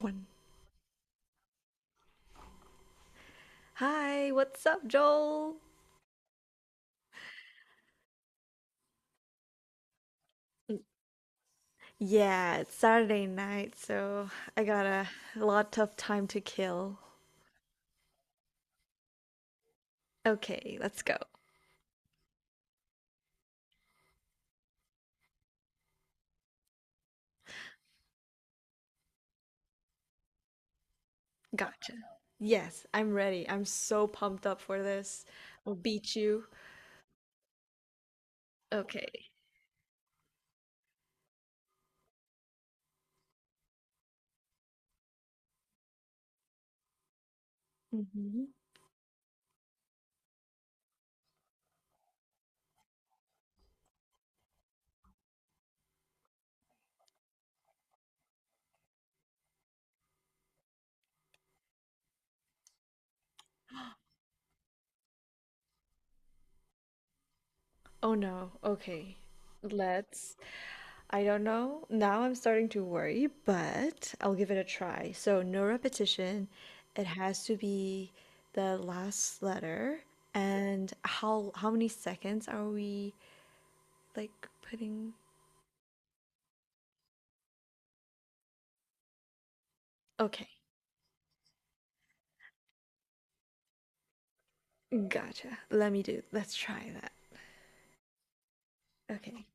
One. Hi, what's up, Joel? Yeah, it's Saturday night, so I got a lot of time to kill. Okay, let's go. Gotcha. Yes, I'm ready. I'm so pumped up for this. I'll beat you. Okay. Hmm. Oh no. Okay. Let's I don't know. Now I'm starting to worry, but I'll give it a try. So, no repetition. It has to be the last letter. And how many seconds are we like putting? Okay, gotcha. Let me do. Let's try that. Okay.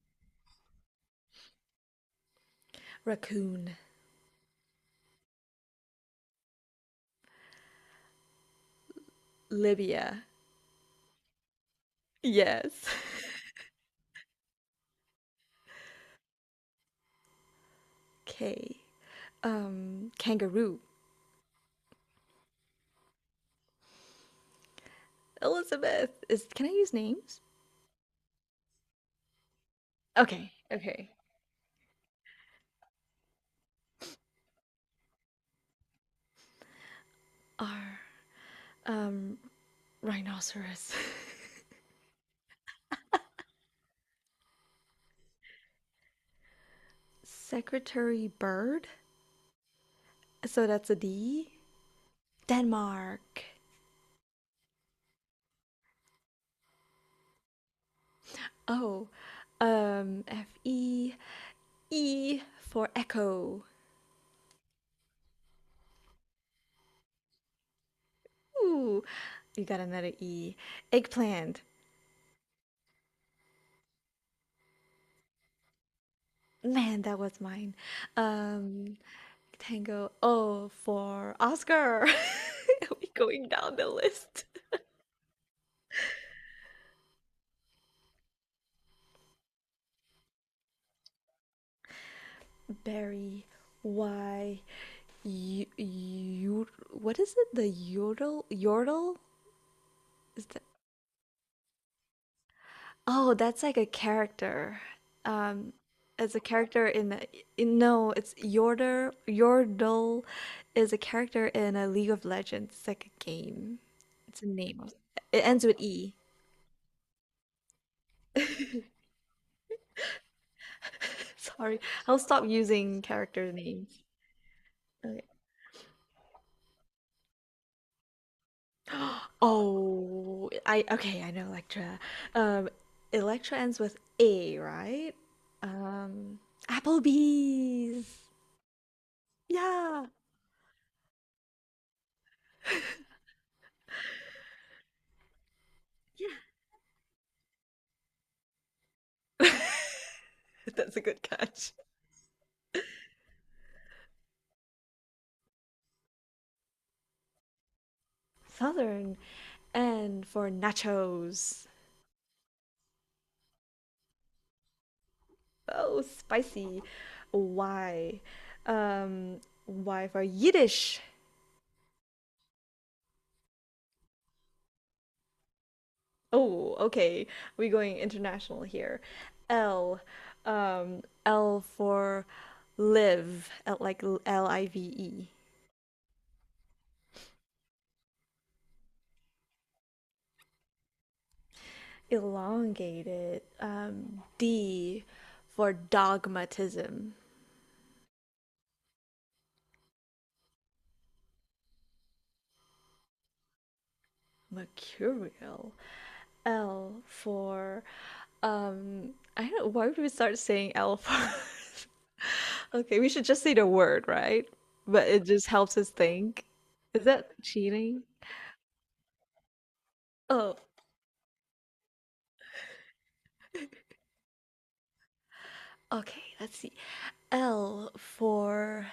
Raccoon. Libya. Yes. K. Kangaroo. Elizabeth. Is can I use names? Okay, okay. R. Um, Rhinoceros. Secretary bird. So that's a D. Denmark. Oh, F E E for echo. Ooh, you got another E. Eggplant. Man, that was mine. Um, Tango. O for Oscar. We going down the list. Berry. Y. What is it? The yodel? Yodel? Is that? Oh, that's like a character. Um, it's a character in, a, in No, it's Yordle. Yordle is a character in a League of Legends. It's like a game. It's a name of It ends with E. Sorry, I'll stop using character names. Okay. Oh, I okay, I know Electra. Um, Electra ends with A, right? Um, Applebee's. Yeah. Yeah. That's a good catch. Southern. And for nachos. Oh, spicy. Why? Um, why for Yiddish? Oh, okay. We're going international here. L. L for live. L, like live. Elongated. D for dogmatism. Mercurial. L for Um, I don't. Why would we start saying L first? Okay, we should just say the word, right? But it just helps us think. Is that cheating? Oh, okay. Let's see. L for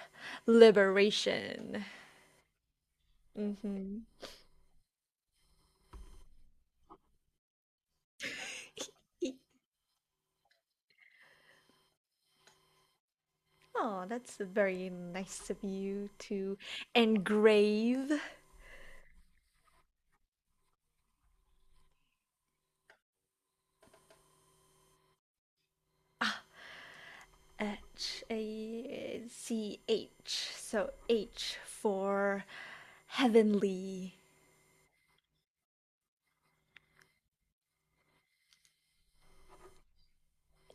liberation. Mm-hmm. Oh, that's very nice of you to engrave. H A C H. So H for heavenly.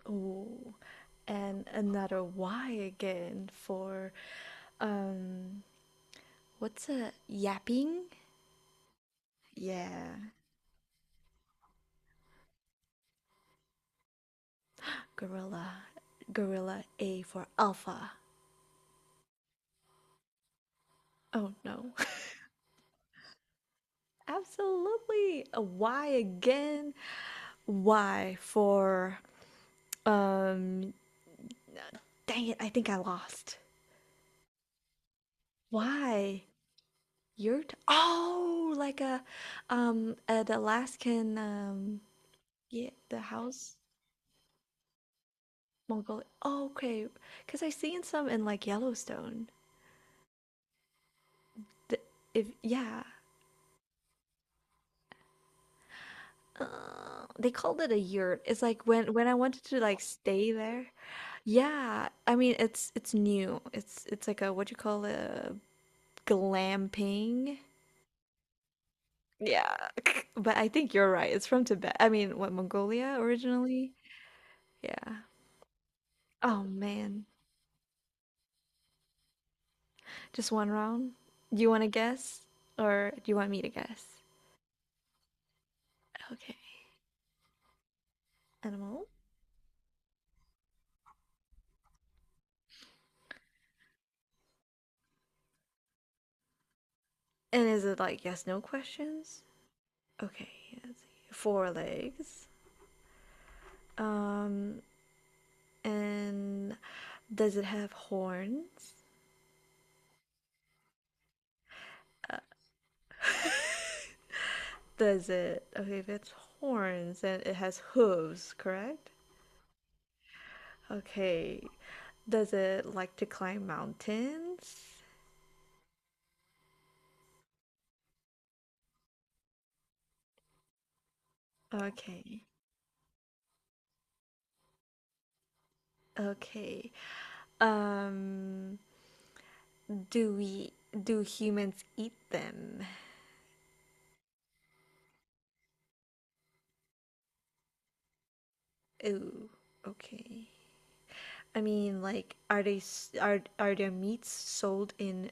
Oh, and another Y again for um what's a yapping? Yeah, gorilla. Gorilla. A for alpha. Oh no. Absolutely. A Y again. Y for um dang it, I think I lost. Y. Oh, like a an Alaskan. Yeah, the house. Mongolia. Oh, okay. Because I've seen some in like Yellowstone. The, if Yeah, they called it a yurt. It's like when I wanted to like stay there. Yeah, I mean it's new. It's like a what do you call it? A glamping. Yeah, but I think you're right. It's from Tibet. I mean, what Mongolia originally? Yeah. Oh man, just one round. Do you want to guess, or do you want me to guess? Okay, animal. And is it like yes, no questions? Okay, let's see. Four legs. Um, and Does it have horns? Uh, does it? Okay, if it's horns, then it has hooves, correct? Okay. Does it like to climb mountains? Okay. Okay. Um, do we do humans eat them? Ooh, okay. I mean, like, are their meats sold in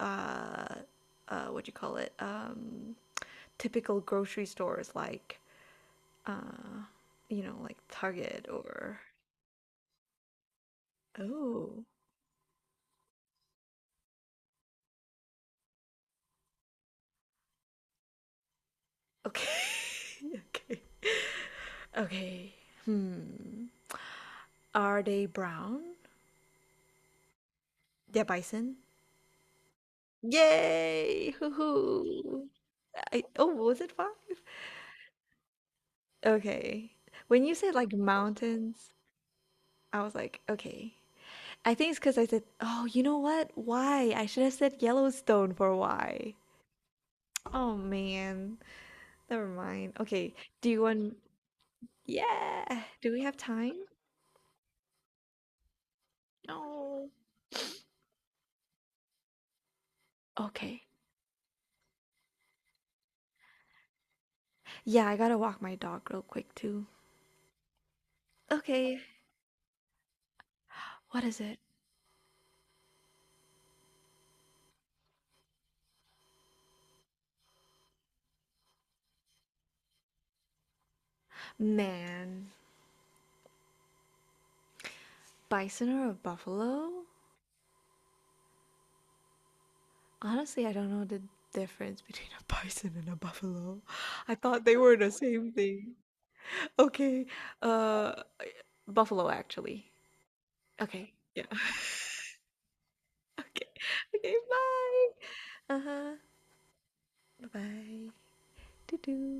uh what do you call it? Typical grocery stores like uh you know like Target or oh okay okay okay hmm are they brown? They're bison. Yay! Hoo hoo! I oh was it five? Okay. When you said like mountains, I was like, okay. I think it's because I said, oh, you know what? Why? I should have said Yellowstone for why. Oh man. Never mind. Okay. Do you want. Yeah. Do we have time? No. Okay. Yeah, I gotta walk my dog real quick too. Okay. What is it? Man. Bison or a buffalo? Honestly, I don't know the difference between a bison and a buffalo. I thought they were the same thing. Okay. Uh, Buffalo actually. Okay. Yeah. Okay. Okay, bye. Uh-huh. Bye-bye. Doo doo.